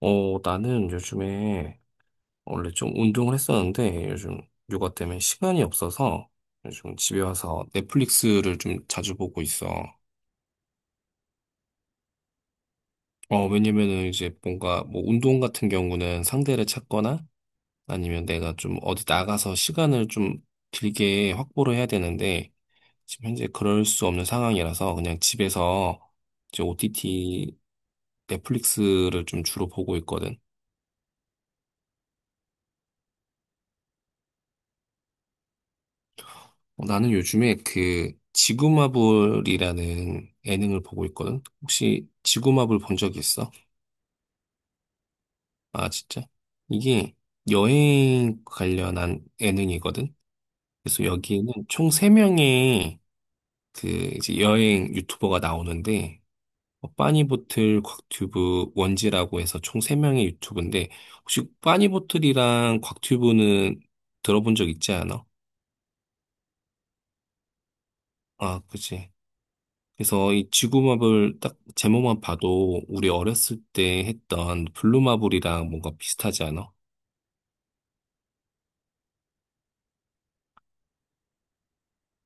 어, 나는 요즘에 원래 좀 운동을 했었는데 요즘 육아 때문에 시간이 없어서 요즘 집에 와서 넷플릭스를 좀 자주 보고 있어. 어, 왜냐면은 이제 뭔가 뭐 운동 같은 경우는 상대를 찾거나 아니면 내가 좀 어디 나가서 시간을 좀 길게 확보를 해야 되는데 지금 현재 그럴 수 없는 상황이라서 그냥 집에서 이제 OTT 넷플릭스를 좀 주로 보고 있거든. 어, 나는 요즘에 그 지구마블이라는 예능을 보고 있거든. 혹시 지구마블 본 적 있어? 아, 진짜? 이게 여행 관련한 예능이거든. 그래서 여기에는 총 3명의 그 이제 여행 유튜버가 나오는데 어, 빠니보틀, 곽튜브, 원지라고 해서 총 3명의 유튜브인데 혹시 빠니보틀이랑 곽튜브는 들어본 적 있지 않아? 아, 그치. 그래서 이 지구마블 딱 제목만 봐도 우리 어렸을 때 했던 블루마블이랑 뭔가 비슷하지 않아?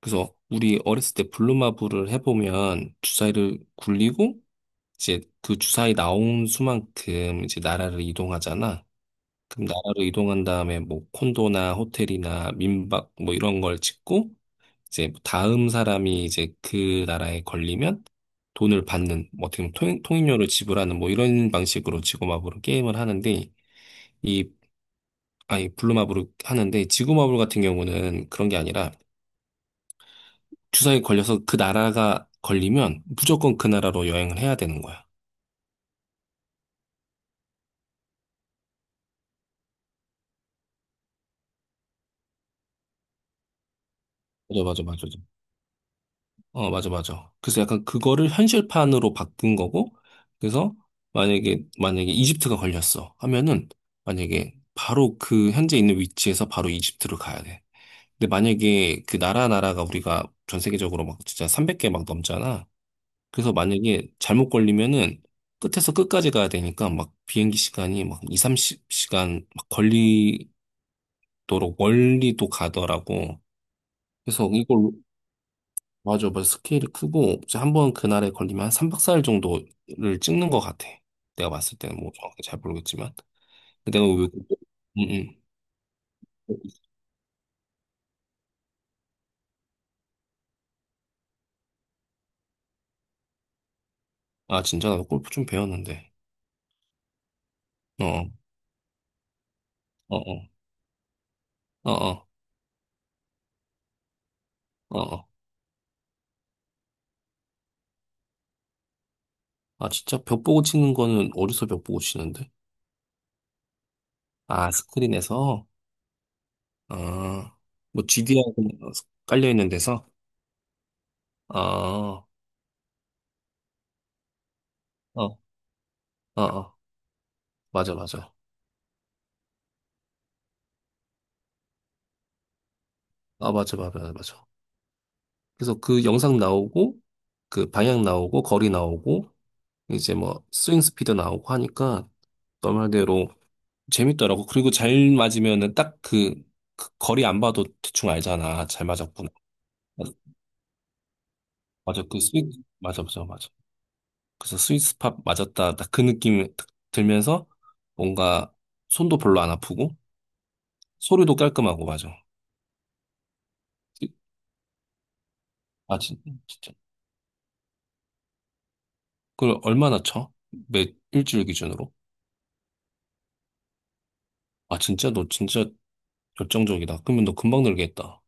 그래서 우리 어렸을 때 블루마블을 해보면 주사위를 굴리고 이제 그 주사위 나온 수만큼 이제 나라를 이동하잖아. 그럼 나라를 이동한 다음에 뭐 콘도나 호텔이나 민박 뭐 이런 걸 짓고 이제 다음 사람이 이제 그 나라에 걸리면 돈을 받는 뭐 어떻게 보면 통행료를 지불하는 뭐 이런 방식으로 지구마블은 게임을 하는데 이, 아니, 블루마블을 하는데, 지구마블 같은 경우는 그런 게 아니라, 주사에 걸려서 그 나라가 걸리면 무조건 그 나라로 여행을 해야 되는 거야. 맞아, 맞아, 맞아. 어, 맞아, 맞아. 그래서 약간 그거를 현실판으로 바꾼 거고, 그래서 만약에 이집트가 걸렸어 하면은, 만약에 바로 그 현재 있는 위치에서 바로 이집트로 가야 돼. 근데 만약에 그 나라가 우리가 전 세계적으로 막 진짜 300개 막 넘잖아. 그래서 만약에 잘못 걸리면은 끝에서 끝까지 가야 되니까 막 비행기 시간이 막 2, 3십시간 막 걸리도록 멀리도 가더라고. 그래서 이걸, 맞아, 맞아. 스케일이 크고, 이제 한번 그날에 걸리면 한 3박 4일 정도를 찍는 것 같아. 내가 봤을 때는 뭐 정확히 잘 모르겠지만. 근데 내가 왜, 응, 응. 아, 진짜 나도 골프 좀 배웠는데. 어, 어, 어, 어, 어, 어. 어. 아, 진짜 벽 보고 치는 거는 어디서 벽 보고 치는데? 아, 스크린에서? 아, 뭐 GD하고 깔려 있는 데서? 아, 어, 어, 어, 맞아, 맞아. 아, 맞아, 맞아, 맞아. 맞아. 그래서 그 영상 나오고, 그 방향 나오고, 거리 나오고, 이제 뭐 스윙 스피드 나오고 하니까 너 말대로 재밌더라고. 그리고 잘 맞으면은 딱 그, 그 거리 안 봐도 대충 알잖아. 잘 맞았구나. 맞아, 그 스윗, 맞아, 맞아, 맞아. 그래서 스윗 스팟 맞았다. 딱 그 느낌 딱 들면서 뭔가 손도 별로 안 아프고, 소리도 깔끔하고, 맞아. 아, 진짜. 그걸 얼마나 쳐? 일주일 기준으로? 아, 진짜? 너 진짜 열정적이다. 그러면 너 금방 늘겠다.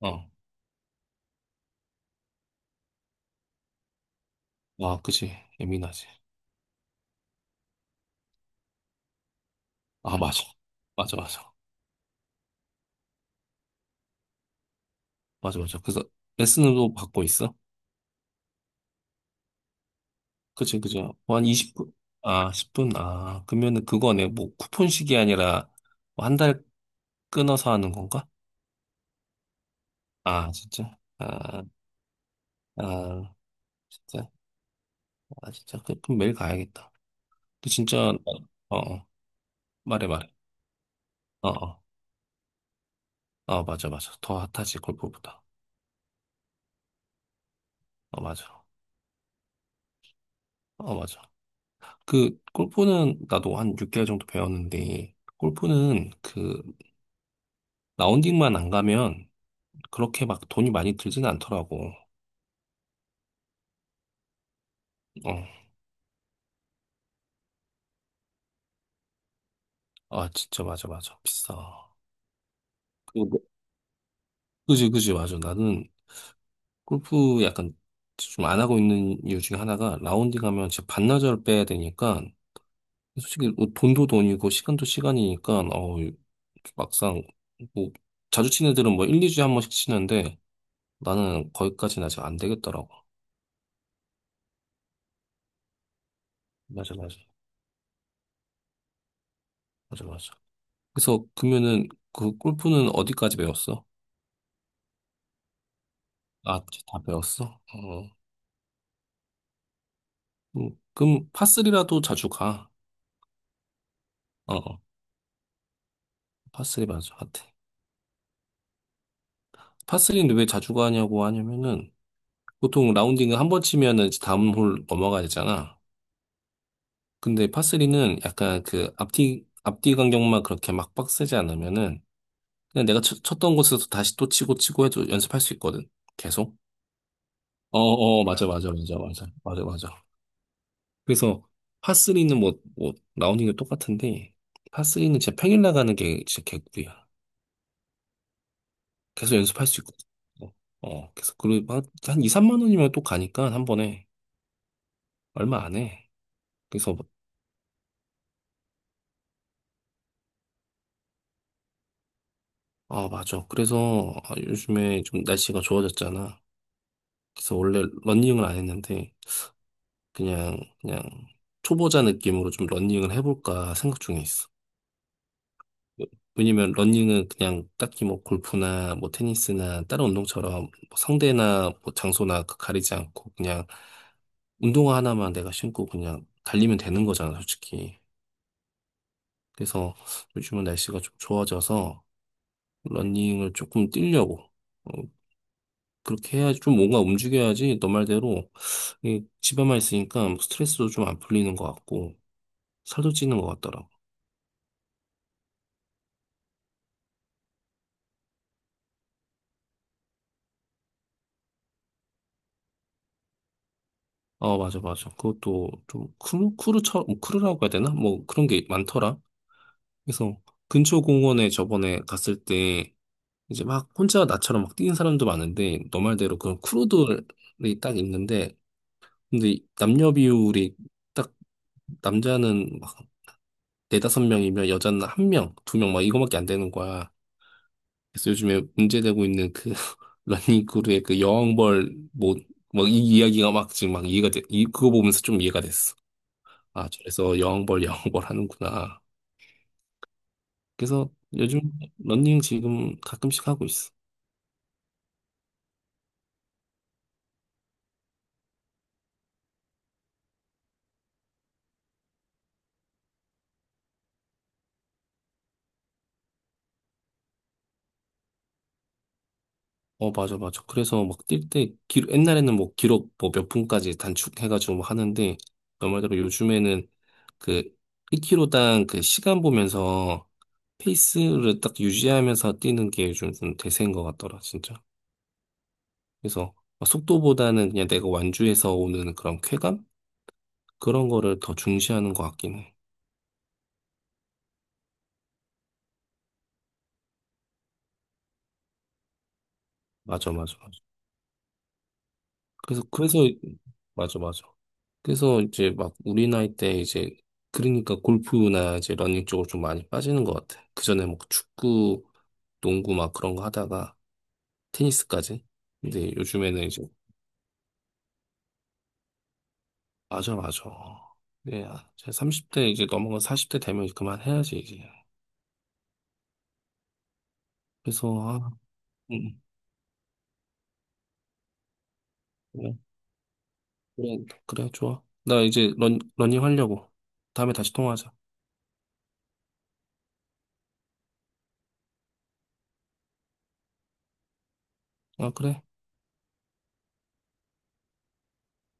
어. 와, 그치. 예민하지. 아, 맞아. 맞아, 맞아. 맞아, 맞아. 그래서 레슨도 받고 있어? 그치, 그치. 뭐한 20분? 아, 10분? 아, 그러면은 그거네. 뭐, 쿠폰식이 아니라, 뭐 한 달 끊어서 하는 건가? 아, 진짜? 아, 아, 진짜? 아, 진짜? 그럼 매일 가야겠다. 근데 진짜, 어, 어. 말해, 말해. 어, 어, 어, 맞아, 맞아. 더 핫하지, 골프보다. 어, 맞아. 어, 맞아. 그, 골프는 나도 한 6개월 정도 배웠는데, 골프는 그, 라운딩만 안 가면 그렇게 막 돈이 많이 들진 않더라고. 어, 아, 진짜 맞아, 맞아. 비싸. 그, 뭐- 그지, 그지, 맞아. 나는 골프 약간 좀 안 하고 있는 이유 중에 하나가 라운딩 하면 진짜 반나절 빼야 되니까 솔직히 뭐 돈도 돈이고 시간도 시간이니까 어 막상 뭐 자주 치는 애들은 뭐 1, 2주에 한 번씩 치는데 나는 거기까지는 아직 안 되겠더라고. 맞아, 맞아. 맞아, 맞아. 그래서 그러면은 그 골프는 어디까지 배웠어? 아, 다 배웠어? 어. 그럼 파3리라도 자주 가. 어, 어. 파3리 맞아. 같아. 파3리는 왜 자주 가냐고 하냐면은 보통 라운딩을 한 번 치면은 이제 다음 홀 넘어가야 되잖아. 근데 파스리는 약간 그 앞뒤 간격만 그렇게 막 빡세지 않으면은 그냥 내가 쳤, 던 곳에서 다시 또 치고 치고 해도 연습할 수 있거든. 계속. 어, 어, 맞아, 맞아, 맞아, 맞아, 맞아, 맞아. 그래서 파스리는 뭐, 라운딩도 똑같은데 파스리는 진짜 평일 나가는 게 진짜 개꿀이야. 계속 연습할 수 있거든. 어, 어, 그래서 그리고 한 2, 3만 원이면 또 가니까 한 번에 얼마 안 해. 그래서 뭐, 아, 맞아. 그래서 아, 요즘에 좀 날씨가 좋아졌잖아. 그래서 원래 러닝을 안 했는데 그냥 초보자 느낌으로 좀 러닝을 해볼까 생각 중에 있어. 뭐 왜냐면 러닝은 그냥 딱히 뭐 골프나 뭐 테니스나 다른 운동처럼 뭐 상대나 뭐 장소나 가리지 않고 그냥 운동화 하나만 내가 신고 그냥 달리면 되는 거잖아, 솔직히. 그래서 요즘은 날씨가 좀 좋아져서 러닝을 조금 뛰려고. 어, 그렇게 해야지 좀 뭔가 움직여야지 너 말대로 이 집에만 있으니까 스트레스도 좀 안 풀리는 것 같고 살도 찌는 것 같더라고. 어, 맞아, 맞아. 그것도 좀 크루처럼, 뭐 크루라고 해야 되나? 뭐 그런 게 많더라. 그래서 근처 공원에 저번에 갔을 때 이제 막 혼자 나처럼 막 뛰는 사람도 많은데 너 말대로 그런 크루들이 딱 있는데 근데 이 남녀 비율이 딱 남자는 막 네다섯 명이면 여자는 한 명, 두 명 막 이거밖에 안 되는 거야. 그래서 요즘에 문제되고 있는 그 러닝크루의 그 여왕벌 뭐막이 이야기가 막 지금 막 이해가 돼. 이 그거 보면서 좀 이해가 됐어. 아, 저래서 여왕벌 여왕벌 하는구나. 그래서 요즘 러닝 지금 가끔씩 하고 있어. 어, 맞아, 맞아. 그래서 막 뛸 때, 옛날에는 뭐 기록 뭐 몇 분까지 단축해가지고 뭐 하는데, 너 말대로 요즘에는 그 1km당 그 시간 보면서 페이스를 딱 유지하면서 뛰는 게 요즘 좀 대세인 것 같더라, 진짜. 그래서 어, 속도보다는 그냥 내가 완주해서 오는 그런 쾌감? 그런 거를 더 중시하는 것 같긴 해. 맞아, 맞아, 맞아. 그래서, 맞아, 맞아. 그래서 이제 막 우리 나이 때 이제, 그러니까 골프나 이제 러닝 쪽으로 좀 많이 빠지는 것 같아. 그전에 뭐 축구, 농구 막 그런 거 하다가 테니스까지. 근데 요즘에는 이제, 맞아, 맞아. 네, 제 30대 이제 넘어가 40대 되면 그만해야지, 이제. 그래서, 아, 음. 음. 그래, 그래, 좋아. 나 이제 러닝 하려고. 다음에 다시 통화하자. 아, 그래.